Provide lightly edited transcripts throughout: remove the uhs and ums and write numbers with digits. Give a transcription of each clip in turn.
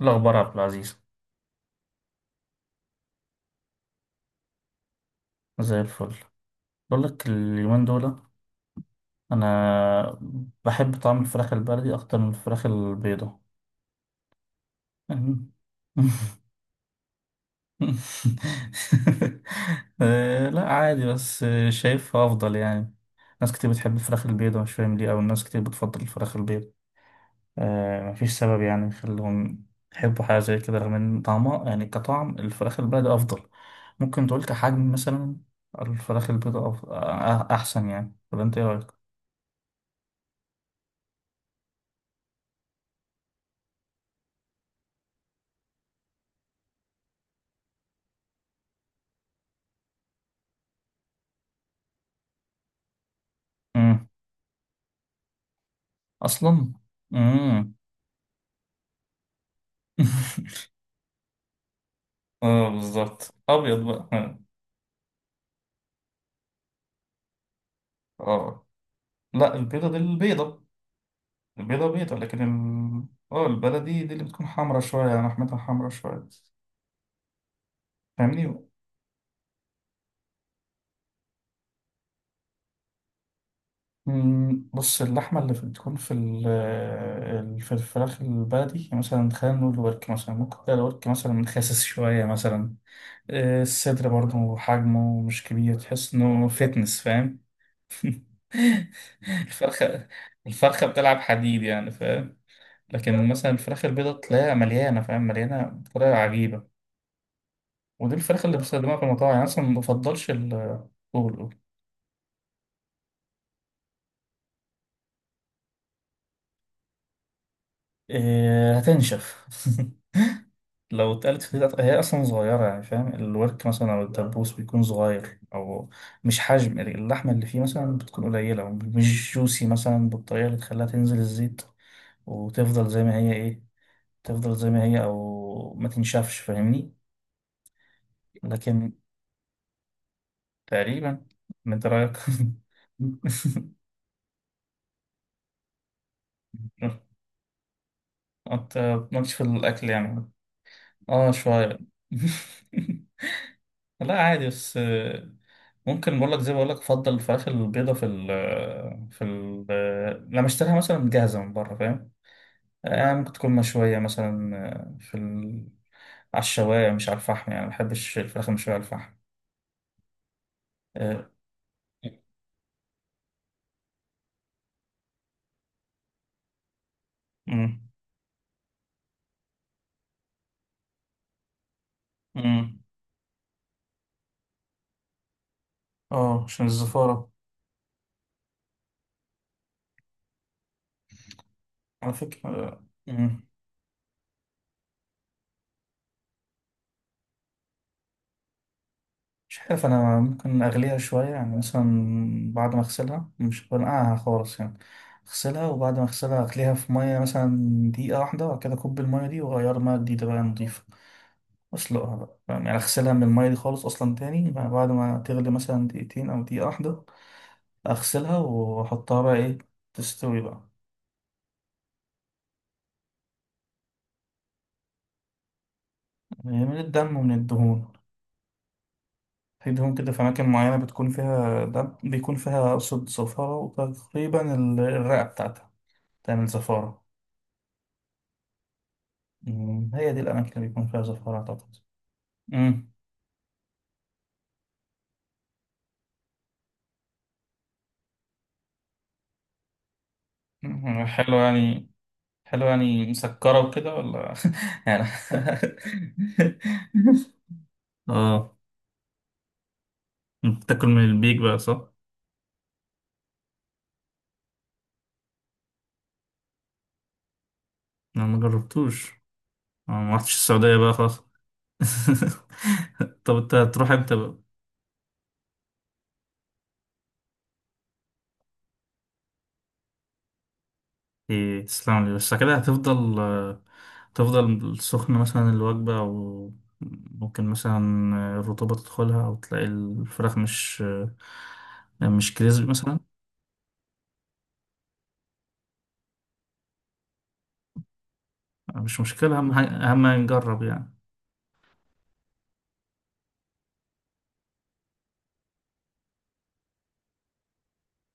الأخبار يا عبد العزيز. زي الفل. بقول لك اليومين دول، أنا بحب طعم الفراخ البلدي أكتر من الفراخ البيضة يعني. آه، لا عادي بس شايفها أفضل يعني. ناس كتير بتحب الفراخ البيضة مش فاهم ليه، أو الناس كتير بتفضل الفراخ البيضة. مفيش سبب يعني يخليهم يحبوا حاجة زي كده رغم إن طعمها يعني كطعم الفراخ البلدي أفضل. ممكن تقول كحجم مثلا الفراخ البيضاء أحسن يعني، ولا أنت إيه رأيك؟ مم. اصلا. مم. اه بالظبط ابيض بقى ها. اه لا، البيضه دي البيضه. البيضه بيضه لكن اه البلدي دي اللي بتكون حمرا شويه، يعني لحمتها حمرا شويه، فاهمني. بص اللحمه اللي بتكون في في الفراخ البلدي، يعني مثلا خلينا نقول الورك مثلا ممكن تلاقي الورك مثلا خاسس شويه مثلا. الصدر برضه حجمه مش كبير، تحس انه فتنس فاهم. الفرخة، الفرخة بتلعب حديد يعني فاهم. لكن مثلا الفراخ البيضة تلاقيها مليانة فاهم، مليانة بطريقة عجيبة، ودي الفراخ اللي بستخدمها في المطاعم، يعني أصلا ما بفضلش ال... قول قول. إيه، هتنشف. لو اتقلت في هي أصلا صغيرة يعني فاهم، الورك مثلا أو الدبوس بيكون صغير، أو مش حجم اللحمة اللي فيه مثلا بتكون قليلة ومش جوسي مثلا بالطريقة اللي تخليها تنزل الزيت وتفضل زي ما هي إيه، تفضل زي ما هي او ما تنشفش فاهمني. لكن تقريبا، من رايك. انت مالكش في الاكل يعني. اه شويه. لا عادي بس ممكن بقول لك، زي ما بقول لك افضل الفراخ البيضه في ال لما اشتريها مثلا جاهزه من بره فاهم. آه ممكن تكون مشويه مثلا، على الشوايه مش على الفحم، يعني ما بحبش الفراخ المشويه على الفحم. آه، مم. مم. اه عشان الزفارة. على فكرة. مم، مش عارف أنا، ممكن أغليها شوية يعني مثلا بعد ما أغسلها، مش بنقعها خالص يعني. أغسلها وبعد ما أغسلها أغليها في مية مثلا دقيقة واحدة، وبعد كده أكب المية دي وأغير مية جديدة بقى نضيفة، وأسلقها بقى فاهم؟ يعني أغسلها من المية دي خالص أصلا تاني بقى بعد ما تغلي مثلا دقيقتين أو دقيقة واحدة، أغسلها وأحطها بقى إيه، تستوي بقى. يعني من الدم ومن الدهون، في دهون كده في أماكن معينة بتكون فيها دم، بيكون فيها أقصد صفارة، وتقريبا الرئة بتاعتها تعمل زفارة. هي دي الأماكن اللي بيكون فيها زفارة أعتقد. امم. أمم، حلو يعني. حلو يعني مسكرة وكده ولا يعني. اه. أنت بتاكل من البيك بقى صح؟ انا ما جربتوش، انا ما رحتش السعودية بقى خلاص. طب انت هتروح امتى بقى؟ ايه، تسلم لي بس كده هتفضل تفضل سخنة مثلا الوجبة، وممكن مثلا الرطوبة تدخلها، أو تلاقي الفراخ مش كريسبي مثلا. مش مشكلة، أهم حاجة أهم حاجة نجرب يعني.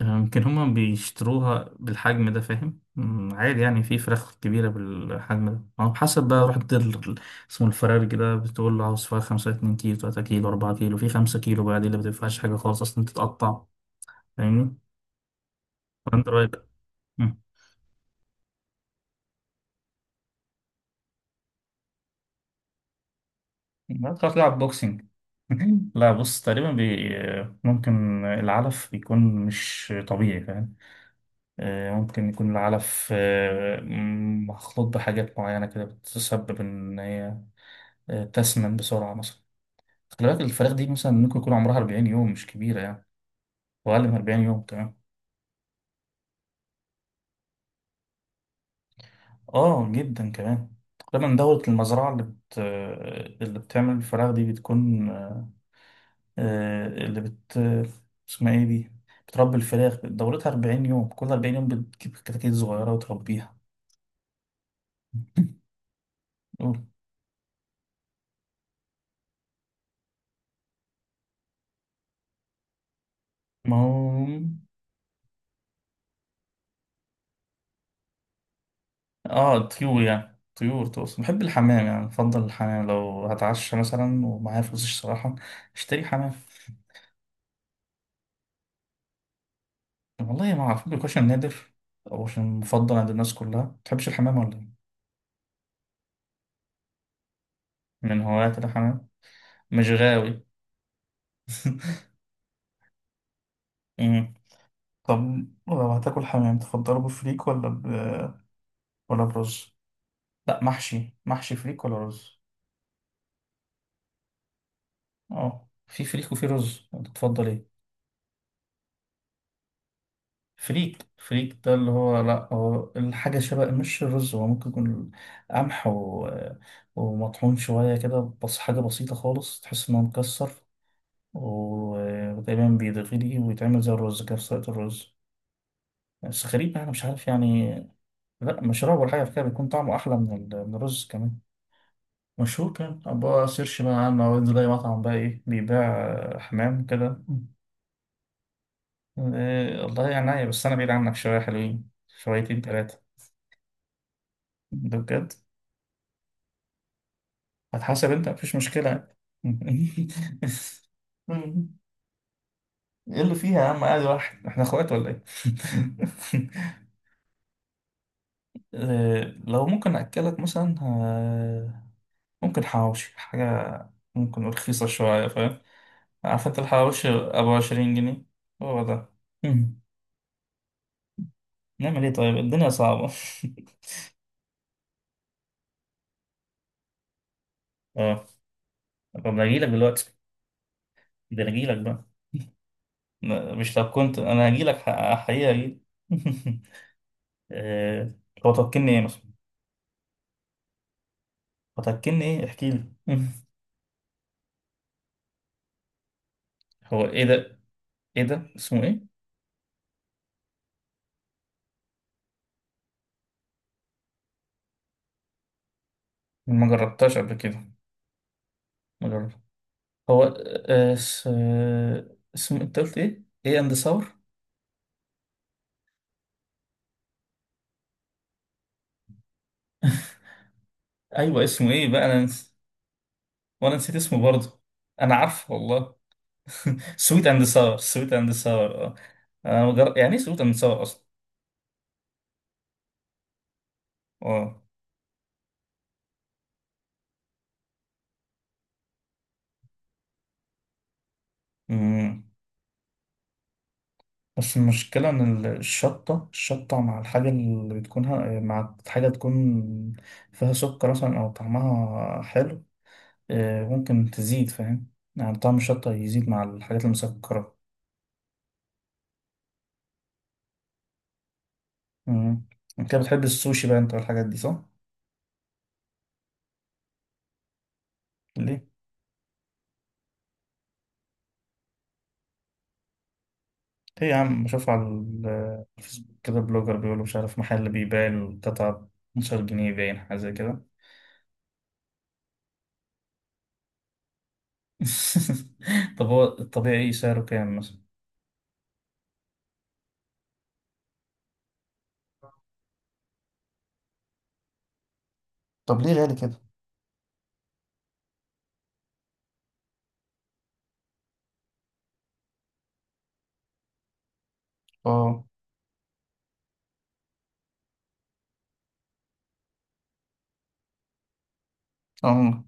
يمكن هما بيشتروها بالحجم ده فاهم. أمم، عادي يعني في فراخ كبيرة بالحجم ده، أو حسب بقى رحت اسمه الفرارج ده، بتقول له عاوز فراخ خمسة 2 كيلو، 3 كيلو، 4 كيلو، في 5 كيلو بقى دي اللي ما بتنفعش حاجة خالص أصلا، تتقطع فاهمني؟ فأنت رأيك؟ هتروح تلعب بوكسينج. لا بص تقريبا ممكن العلف بيكون مش طبيعي فاهم. ممكن يكون العلف، مخلوط بحاجات معينة كده بتسبب إن هي تسمن بسرعة مثلا. خلي بالك الفراخ دي مثلا ممكن يكون عمرها 40 يوم، مش كبيرة يعني، وأقل من 40 يوم كمان. آه جدا كمان. تقريبا دورة المزرعة اللي بت... آه، اللي بتعمل الفراخ دي بتكون آه، آه، اللي بت اسمها ايه دي، بتربي الفراخ دورتها 40 يوم، كل 40 يوم بتجيب كتاكيت صغيرة وتربيها. أوه. ما هو. اه طيور، يعني طيور تقصد. بحب الحمام يعني، بفضل الحمام لو هتعشى مثلا ومعايا فلوس الصراحة، اشتري حمام. والله ما اعرف، بيكون عشان نادر، او عشان مفضل عند الناس، كلها ما تحبش الحمام ولا ايه. من هوايات الحمام، مش غاوي. أمم. طب لو هتاكل حمام تفضله بفريك ولا ولا برز. لا محشي، محشي فريك ولا رز. اه في فريك وفي رز، انت تفضل ايه؟ فريك، فريك ده اللي هو لا، هو الحاجة شبه مش الرز، هو ممكن يكون قمح و... ومطحون شوية كده بس، حاجة بسيطة خالص، تحس إنه مكسر، وتقريبا بيتغلي ويتعمل زي الرز كده، في سلطة الرز بس غريب يعني، مش عارف يعني. لا مشروب ولا حاجة في كده بيكون طعمه أحلى من الرز كمان. مشهور، كان أبقى سيرش بقى عنه، أو أنزل أي مطعم بقى إيه بيبيع. آه، حمام كده. إيه، والله يعني عيب، بس أنا بعيد عنك شوية، حلوين شويتين تلاتة. ده بجد. هتحاسب أنت مفيش مشكلة. إيه اللي فيها يا عم، قاعد واحد، إحنا إخوات ولا إيه؟ إيه، لو ممكن أكلك مثلا ممكن حواوشي حاجة، ممكن رخيصة شوية فاهم. عارف أنت الحواوشي أبو 20 جنيه، هو ده. مم. نعمل إيه طيب، الدنيا صعبة. أه. طب أنا أجيلك دلوقتي، ده أنا أجيلك بقى. لا، مش لو، كنت انا هجي لك، حقيقة هجي. آه، هو تركني ايه مثلا. هو تركني ايه احكي لي. هو ايه ده، ايه ده اسمه ايه؟ ما جربتهاش قبل كده، ما جربت. هو اسمه انت قلت ايه، ايه اند ثور. ايوه اسمه ايه بقى، انا وانا نسيت اسمه برضه. انا عارفه والله. سويت اند ساور، سويت اند ساور اه. انا يعني ايه سويت اند ساور اصلا؟ اه. أمم. بس المشكلة إن الشطة، الشطة مع الحاجة اللي بتكون مع حاجة تكون فيها سكر مثلا أو طعمها حلو، ممكن تزيد فاهم. يعني طعم الشطة يزيد مع الحاجات المسكرة. مم. أنت كده بتحب السوشي بقى أنت والحاجات دي صح؟ ليه؟ ليه يا عم، بشوف على الفيسبوك كده بلوجر بيقولوا مش عارف محل بيبيع القطعة 15 جنيه، باين حاجة زي كده. طب هو الطبيعي سعره كام مثلا؟ طب ليه غالي كده؟ اه. اه.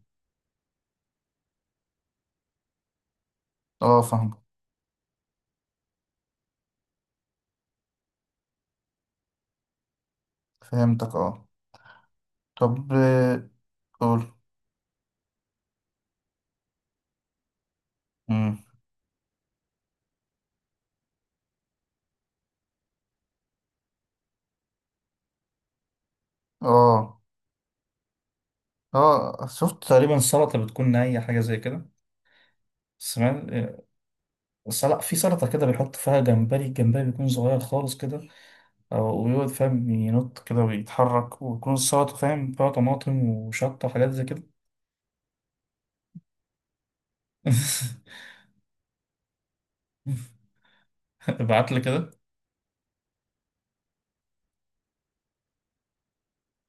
اه فاهم. فهمتك اه. طب قول. مم. اه. اه شفت تقريبا سلطة بتكون نية، حاجة زي كده، سمعت. سلطة، في سلطة كده بيحط فيها جمبري، الجمبري بيكون صغير خالص كده، أو ويقعد فاهم ينط كده ويتحرك، ويكون السلطة فاهم فيها طماطم وشطة وحاجات زي كده. ابعت لي كده.